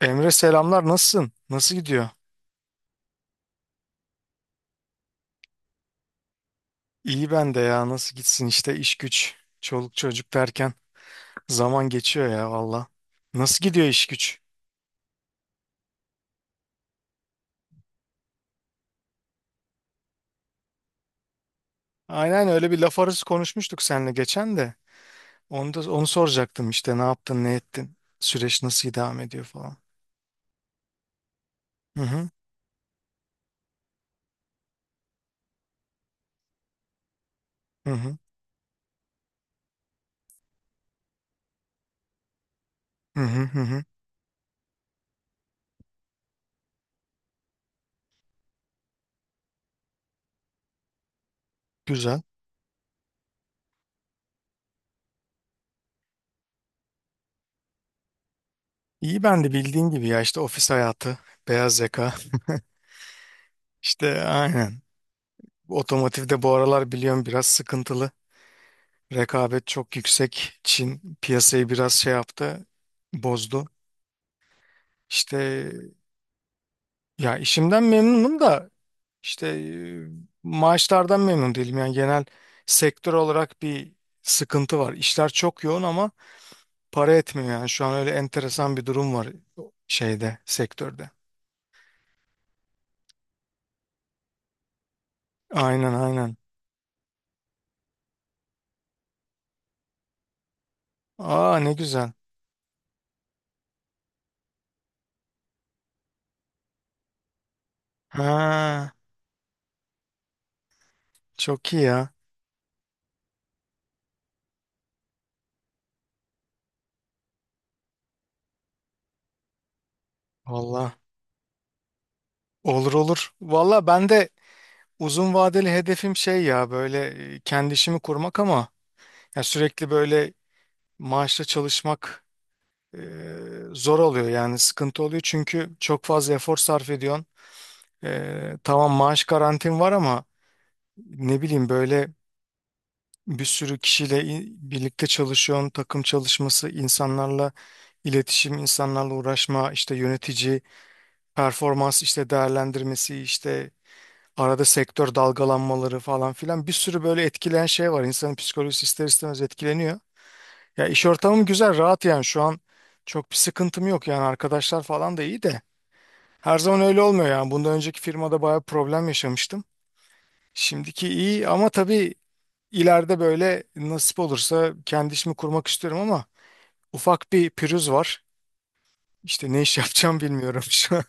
Emre selamlar, nasılsın? Nasıl gidiyor? İyi, ben de ya, nasıl gitsin işte, iş güç çoluk çocuk derken zaman geçiyor ya, valla. Nasıl gidiyor iş güç? Aynen, öyle bir laf arası konuşmuştuk seninle geçen de. Onu soracaktım işte, ne yaptın ne ettin? Süreç nasıl devam ediyor falan? Hı hı hı hı hı hı hı. Hı. Güzel. İyi, ben de bildiğin gibi ya, işte ofis hayatı, beyaz yaka. İşte aynen. Otomotivde bu aralar biliyorum biraz sıkıntılı. Rekabet çok yüksek. Çin piyasayı biraz şey yaptı, bozdu. İşte, ya, işimden memnunum da işte maaşlardan memnun değilim. Yani genel sektör olarak bir sıkıntı var. İşler çok yoğun ama para etmiyor yani. Şu an öyle enteresan bir durum var şeyde, sektörde. Aynen aynen. Aa, ne güzel. Ha, çok iyi ya. Valla olur olur. Valla ben de uzun vadeli hedefim şey ya, böyle kendi işimi kurmak ama ya sürekli böyle maaşla çalışmak e, zor oluyor yani, sıkıntı oluyor, çünkü çok fazla efor sarf ediyorsun. E, tamam, maaş garantin var ama ne bileyim, böyle bir sürü kişiyle birlikte çalışıyorsun, takım çalışması, insanlarla iletişim, insanlarla uğraşma, işte yönetici, performans işte değerlendirmesi, işte arada sektör dalgalanmaları falan filan, bir sürü böyle etkileyen şey var. İnsanın psikolojisi ister istemez etkileniyor. Ya iş ortamım güzel, rahat yani şu an çok bir sıkıntım yok yani, arkadaşlar falan da iyi de. Her zaman öyle olmuyor yani. Bundan önceki firmada bayağı problem yaşamıştım. Şimdiki iyi ama tabii ileride böyle nasip olursa kendi işimi kurmak istiyorum ama ufak bir pürüz var. İşte ne iş yapacağım bilmiyorum şu an.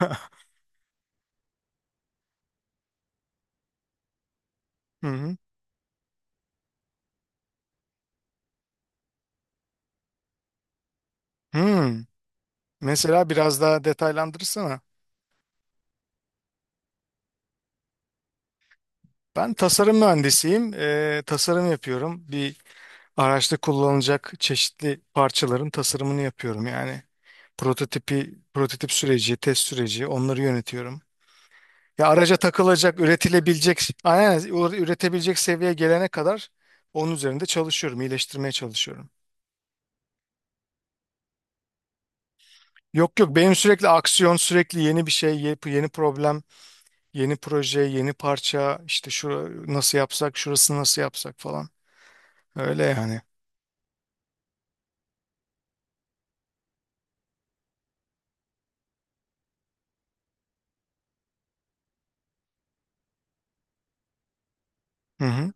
Hı hı. Hmm. Mesela biraz daha detaylandırırsana. Ben tasarım mühendisiyim. Tasarım yapıyorum. Bir araçta kullanılacak çeşitli parçaların tasarımını yapıyorum. Yani prototipi, prototip süreci, test süreci, onları yönetiyorum. Ya araca takılacak, üretilebilecek, aynen üretebilecek seviyeye gelene kadar onun üzerinde çalışıyorum, iyileştirmeye çalışıyorum. Yok yok, benim sürekli aksiyon, sürekli yeni bir şey, yeni yeni problem, yeni proje, yeni parça, işte şu nasıl yapsak, şurasını nasıl yapsak falan. Öyle yani. Hı hı.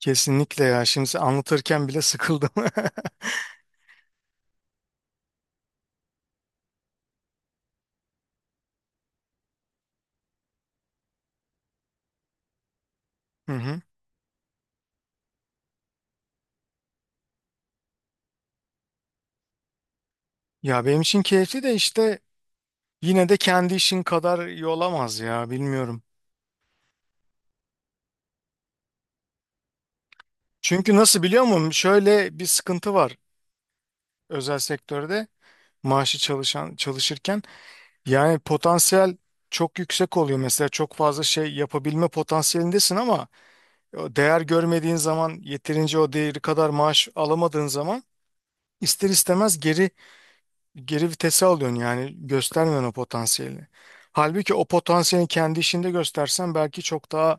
Kesinlikle ya. Şimdi anlatırken bile sıkıldım. Hı hı. Ya benim için keyifli de işte yine de kendi işin kadar iyi olamaz ya, bilmiyorum. Çünkü nasıl, biliyor musun? Şöyle bir sıkıntı var özel sektörde, maaşı çalışan çalışırken. Yani potansiyel çok yüksek oluyor. Mesela çok fazla şey yapabilme potansiyelindesin ama o değer görmediğin zaman, yeterince o değeri kadar maaş alamadığın zaman ister istemez geri vitese alıyorsun yani, göstermiyorsun o potansiyeli. Halbuki o potansiyeli kendi işinde göstersen belki çok daha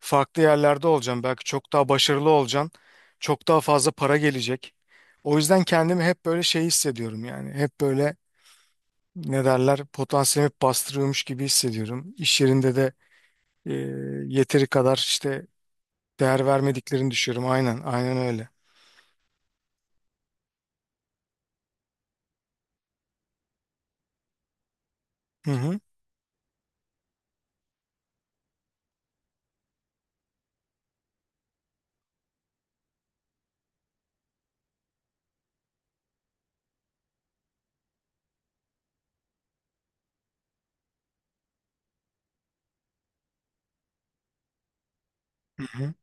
farklı yerlerde olacaksın. Belki çok daha başarılı olacaksın. Çok daha fazla para gelecek. O yüzden kendimi hep böyle şey hissediyorum yani. Hep böyle ne derler, potansiyelimi hep bastırıyormuş gibi hissediyorum. İş yerinde de e, yeteri kadar işte değer vermediklerini düşünüyorum. Aynen aynen öyle. Hı hı. Hı hı.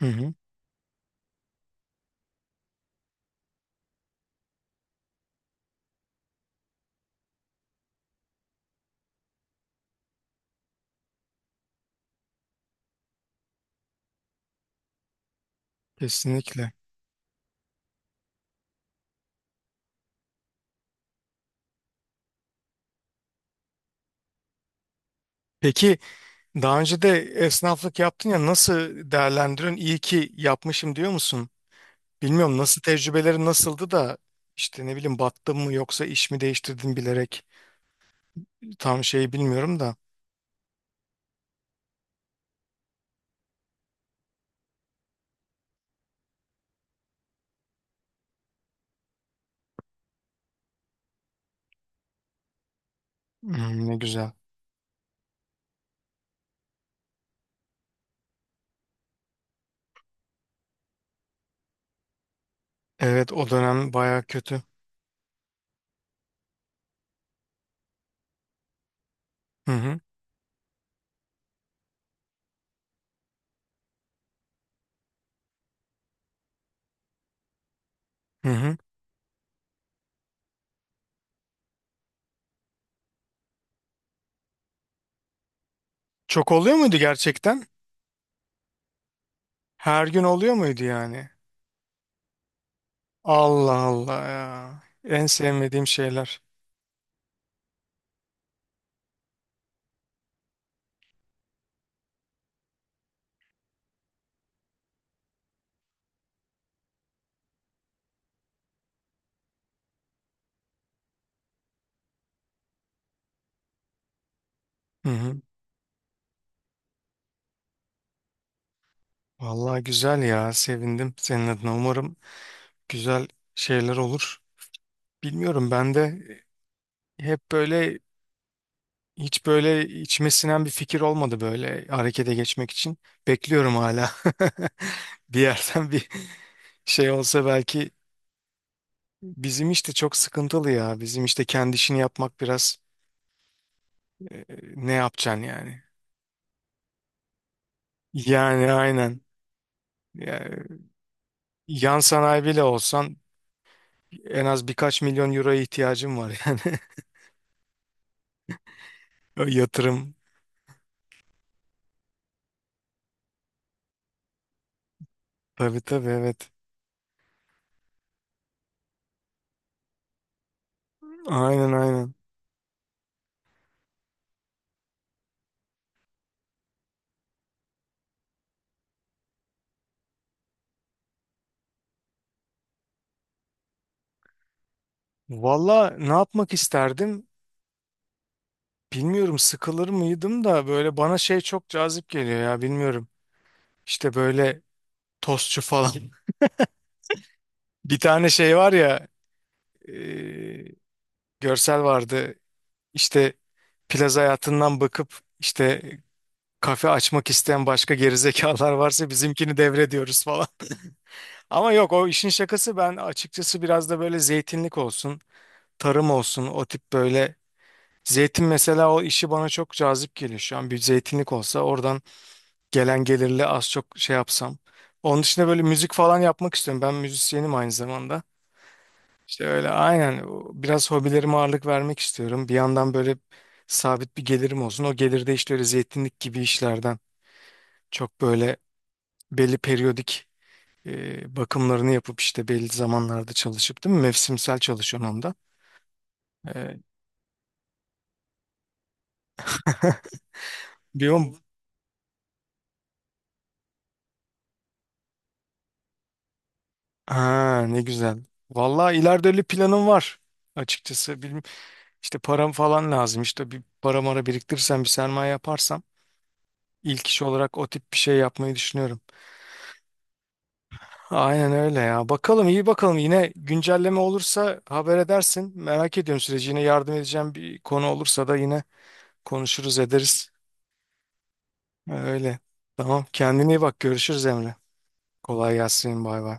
Hı hı. Kesinlikle. Peki, daha önce de esnaflık yaptın ya, nasıl değerlendiriyorsun? İyi ki yapmışım diyor musun? Bilmiyorum, nasıl, tecrübelerin nasıldı da işte ne bileyim, battın mı yoksa iş mi değiştirdin bilerek, tam şeyi bilmiyorum da. Hmm, ne güzel. Evet, o dönem baya kötü. Hı hı, hı hı. Çok oluyor muydu gerçekten? Her gün oluyor muydu yani? Allah Allah ya. En sevmediğim şeyler. Hı hı. Vallahi güzel ya, sevindim senin adına, umarım güzel şeyler olur. Bilmiyorum, ben de hep böyle hiç böyle içime sinen bir fikir olmadı böyle harekete geçmek için. Bekliyorum hala. Bir yerden bir şey olsa belki. Bizim işte çok sıkıntılı ya. Bizim işte kendi işini yapmak biraz e, ne yapacaksın yani? Yani aynen. Yani yan sanayi bile olsan en az birkaç milyon euroya ihtiyacın var yani. O yatırım. Tabii tabii, evet. Aynen aynen. Valla ne yapmak isterdim? Bilmiyorum, sıkılır mıydım da, böyle bana şey çok cazip geliyor ya, bilmiyorum. İşte böyle tostçu falan. Bir tane şey var ya, e, görsel vardı. İşte plaza hayatından bakıp, işte kafe açmak isteyen başka gerizekalar varsa bizimkini devrediyoruz falan. Ama yok, o işin şakası. Ben açıkçası biraz da böyle zeytinlik olsun, tarım olsun, o tip böyle. Zeytin mesela, o işi bana çok cazip geliyor şu an, bir zeytinlik olsa oradan gelen gelirle az çok şey yapsam. Onun dışında böyle müzik falan yapmak istiyorum. Ben müzisyenim aynı zamanda. İşte öyle aynen, biraz hobilerime ağırlık vermek istiyorum. Bir yandan böyle sabit bir gelirim olsun. O gelir de işte öyle zeytinlik gibi işlerden çok böyle belli periyodik bakımlarını yapıp işte belli zamanlarda çalışıp, değil mi? Mevsimsel çalışıyorum onda. E, bir o- Ha, ne güzel. Vallahi ileride öyle planım var açıkçası. İşte param falan lazım. İşte bir para mara biriktirirsem, bir sermaye yaparsam ilk iş olarak o tip bir şey yapmayı düşünüyorum. Aynen öyle ya. Bakalım, iyi bakalım. Yine güncelleme olursa haber edersin. Merak ediyorum süreci. Yine yardım edeceğim bir konu olursa da yine konuşuruz ederiz. Öyle. Tamam. Kendine iyi bak. Görüşürüz Emre. Kolay gelsin. Bay bay.